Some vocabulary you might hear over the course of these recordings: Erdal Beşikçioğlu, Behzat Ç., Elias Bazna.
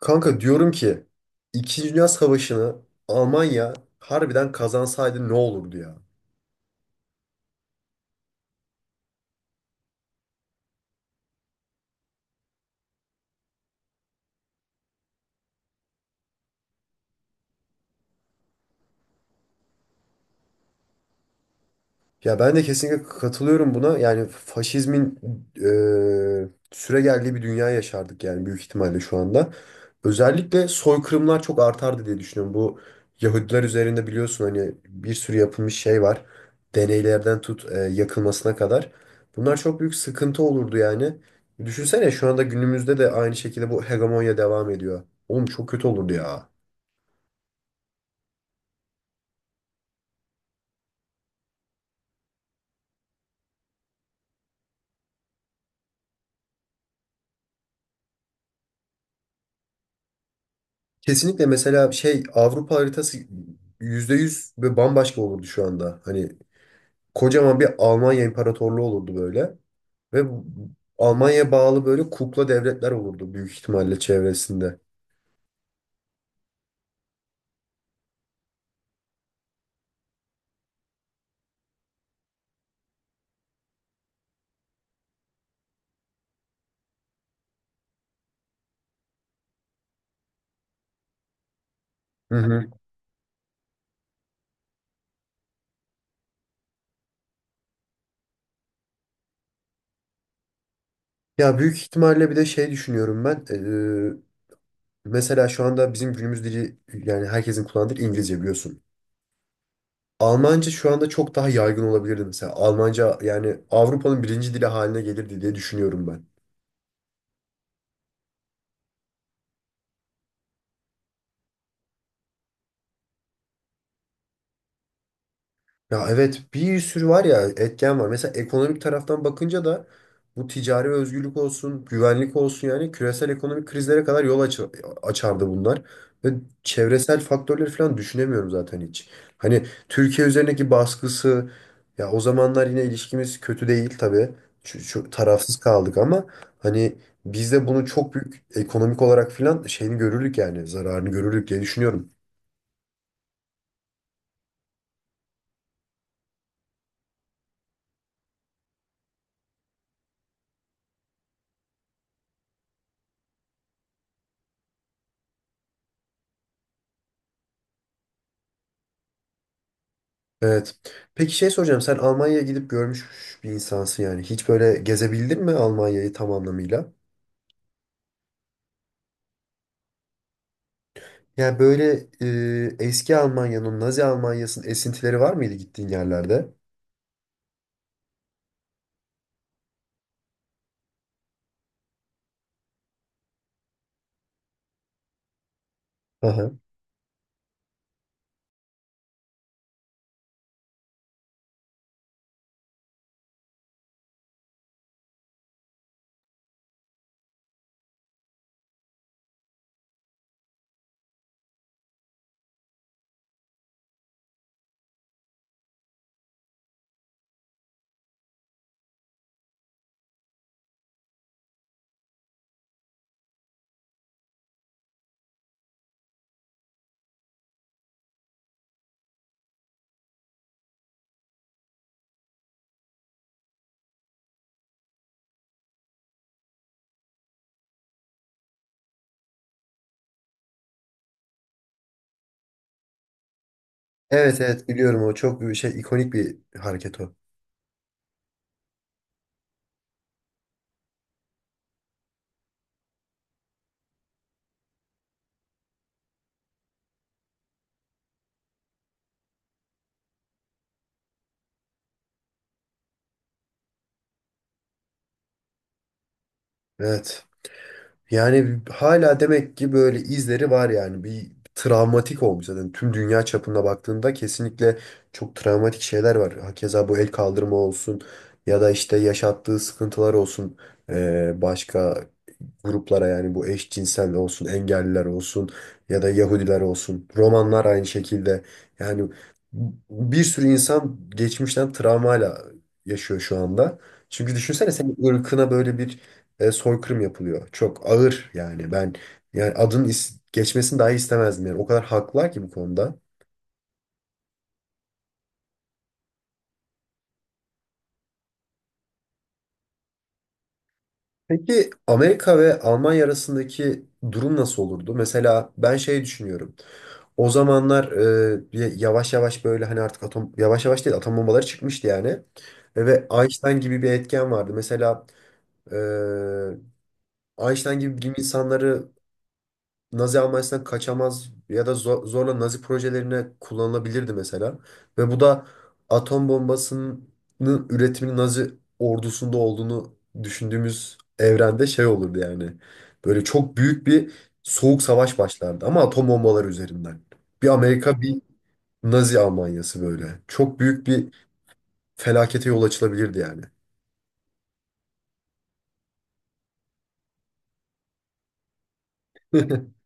Kanka diyorum ki İkinci Dünya Savaşı'nı Almanya harbiden kazansaydı ne olurdu ya? Ya ben de kesinlikle katılıyorum buna. Yani faşizmin süregeldiği bir dünya yaşardık yani büyük ihtimalle şu anda. Özellikle soykırımlar çok artardı diye düşünüyorum. Bu Yahudiler üzerinde biliyorsun hani bir sürü yapılmış şey var. Deneylerden tut yakılmasına kadar. Bunlar çok büyük sıkıntı olurdu yani. Düşünsene şu anda günümüzde de aynı şekilde bu hegemonya devam ediyor. Oğlum çok kötü olurdu ya. Kesinlikle mesela şey Avrupa haritası %100 ve bambaşka olurdu şu anda. Hani kocaman bir Almanya İmparatorluğu olurdu böyle. Ve bu- Almanya'ya bağlı böyle kukla devletler olurdu büyük ihtimalle çevresinde. Hı hı. Ya büyük ihtimalle bir de şey düşünüyorum ben. Mesela şu anda bizim günümüz dili yani herkesin kullandığı dil İngilizce biliyorsun. Almanca şu anda çok daha yaygın olabilirdi mesela. Almanca yani Avrupa'nın birinci dili haline gelirdi diye düşünüyorum ben. Ya evet bir sürü var ya etken var. Mesela ekonomik taraftan bakınca da bu ticari özgürlük olsun, güvenlik olsun yani küresel ekonomik krizlere kadar yol açardı bunlar. Ve çevresel faktörleri falan düşünemiyorum zaten hiç. Hani Türkiye üzerindeki baskısı ya o zamanlar yine ilişkimiz kötü değil tabii. Şu tarafsız kaldık ama hani biz de bunu çok büyük ekonomik olarak falan şeyini görürdük yani zararını görürdük diye düşünüyorum. Evet. Peki şey soracağım. Sen Almanya'ya gidip görmüş bir insansın yani. Hiç böyle gezebildin mi Almanya'yı tam anlamıyla? Yani böyle eski Almanya'nın, Nazi Almanya'sının esintileri var mıydı gittiğin yerlerde? Aha. Evet, evet biliyorum o çok bir şey, ikonik bir hareket o. Evet. Yani hala demek ki böyle izleri var yani bir travmatik olmuş zaten tüm dünya çapında baktığında kesinlikle çok travmatik şeyler var. Hakeza bu el kaldırma olsun ya da işte yaşattığı sıkıntılar olsun. Başka gruplara yani bu eşcinsel olsun, engelliler olsun ya da Yahudiler olsun. Romanlar aynı şekilde. Yani bir sürü insan geçmişten travmayla yaşıyor şu anda. Çünkü düşünsene senin ırkına böyle bir soykırım yapılıyor. Çok ağır yani. Ben yani geçmesini dahi istemezdim yani. O kadar haklılar ki bu konuda. Peki Amerika ve Almanya arasındaki durum nasıl olurdu? Mesela ben şey düşünüyorum. O zamanlar yavaş yavaş böyle hani artık atom yavaş yavaş değil atom bombaları çıkmıştı yani. Ve Einstein gibi bir etken vardı. Mesela e, Einstein gibi bilim insanları Nazi Almanya'sından kaçamaz ya da zorla Nazi projelerine kullanılabilirdi mesela. Ve bu da atom bombasının üretiminin Nazi ordusunda olduğunu düşündüğümüz evrende şey olurdu yani. Böyle çok büyük bir soğuk savaş başlardı ama atom bombaları üzerinden. Bir Amerika, bir Nazi Almanya'sı böyle. Çok büyük bir felakete yol açılabilirdi yani.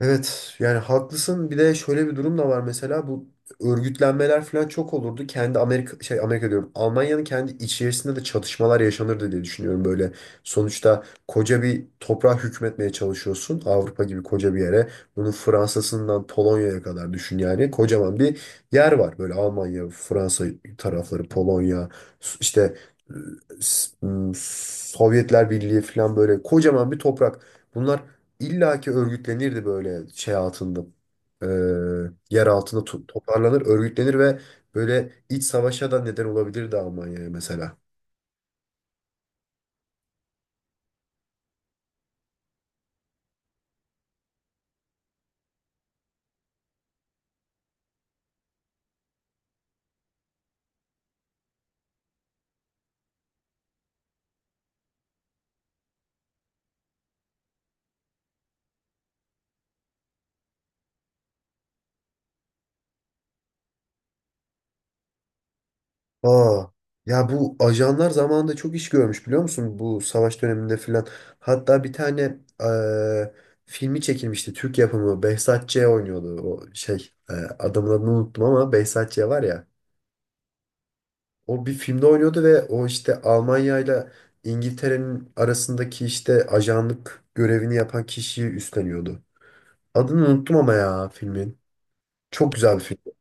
Evet, yani haklısın. Bir de şöyle bir durum da var mesela, bu örgütlenmeler falan çok olurdu. Kendi Amerika şey, Amerika diyorum. Almanya'nın kendi içerisinde de çatışmalar yaşanırdı diye düşünüyorum böyle. Sonuçta koca bir toprağa hükmetmeye çalışıyorsun. Avrupa gibi koca bir yere. Bunun Fransa'sından Polonya'ya kadar düşün yani. Kocaman bir yer var böyle Almanya, Fransa tarafları, Polonya işte e, S- m, Sovyetler Birliği falan böyle kocaman bir toprak. Bunlar İlla ki örgütlenirdi böyle şey altında. eee, Yer altında toparlanır, örgütlenir ve böyle iç savaşa da neden olabilirdi Almanya'ya mesela. Aa, ya bu ajanlar zamanında çok iş görmüş biliyor musun? Bu savaş döneminde filan. Hatta bir tane filmi çekilmişti. Türk yapımı. Behzat Ç. oynuyordu. O şey adamın adını unuttum ama Behzat Ç. var ya. O bir filmde oynuyordu ve o işte Almanya ile İngiltere'nin arasındaki işte ajanlık görevini yapan kişiyi üstleniyordu. Adını unuttum ama ya filmin. Çok güzel bir film.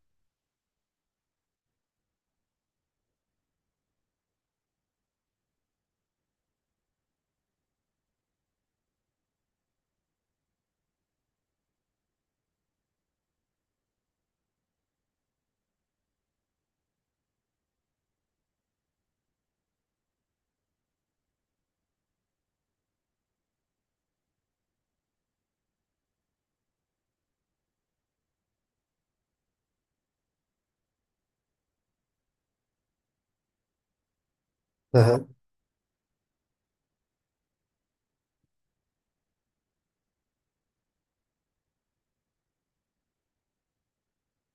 Hı hı.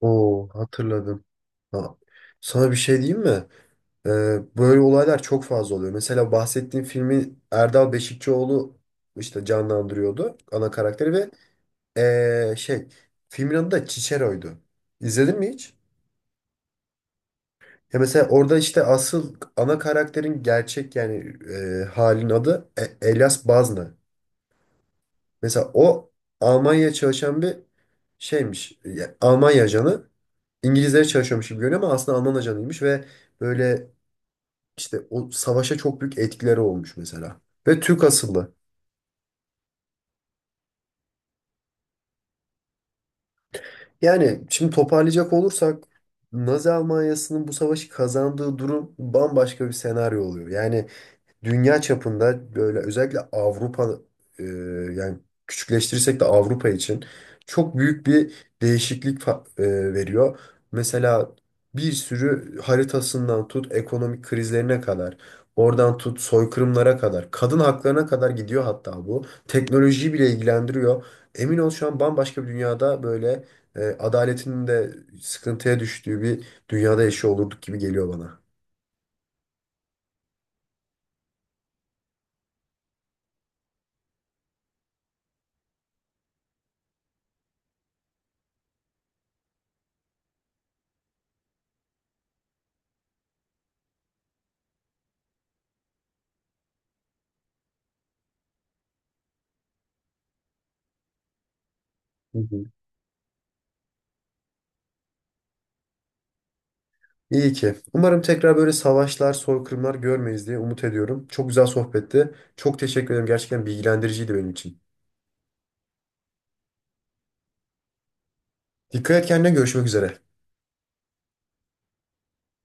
Oo, hatırladım. Ha. Sana bir şey diyeyim mi? Ee, Böyle olaylar çok fazla oluyor. Mesela bahsettiğim filmi Erdal Beşikçioğlu işte canlandırıyordu ana karakteri ve şey, filmin adı da Cicero'ydu. İzledin mi hiç? Ya mesela orada işte asıl ana karakterin gerçek yani halin adı Elias Bazna. Mesela o Almanya'ya çalışan bir şeymiş. Ya, Almanya ajanı. İngilizlere çalışıyormuş gibi görünüyor ama aslında Alman ajanıymış ve böyle işte o savaşa çok büyük etkileri olmuş mesela. Ve Türk asıllı. Yani şimdi toparlayacak olursak Nazi Almanya'sının bu savaşı kazandığı durum bambaşka bir senaryo oluyor. Yani dünya çapında böyle özellikle Avrupa e, yani küçükleştirirsek de Avrupa için çok büyük bir değişiklik veriyor. Mesela bir sürü haritasından tut ekonomik krizlerine kadar, oradan tut soykırımlara kadar, kadın haklarına kadar gidiyor hatta bu. Teknolojiyi bile ilgilendiriyor. Emin ol şu an bambaşka bir dünyada böyle adaletin de sıkıntıya düştüğü bir dünyada yaşıyor olurduk gibi geliyor bana. Hı hı. İyi ki. Umarım tekrar böyle savaşlar, soykırımlar görmeyiz diye umut ediyorum. Çok güzel sohbetti. Çok teşekkür ederim. Gerçekten bilgilendiriciydi benim için. Dikkat et kendine. Görüşmek üzere.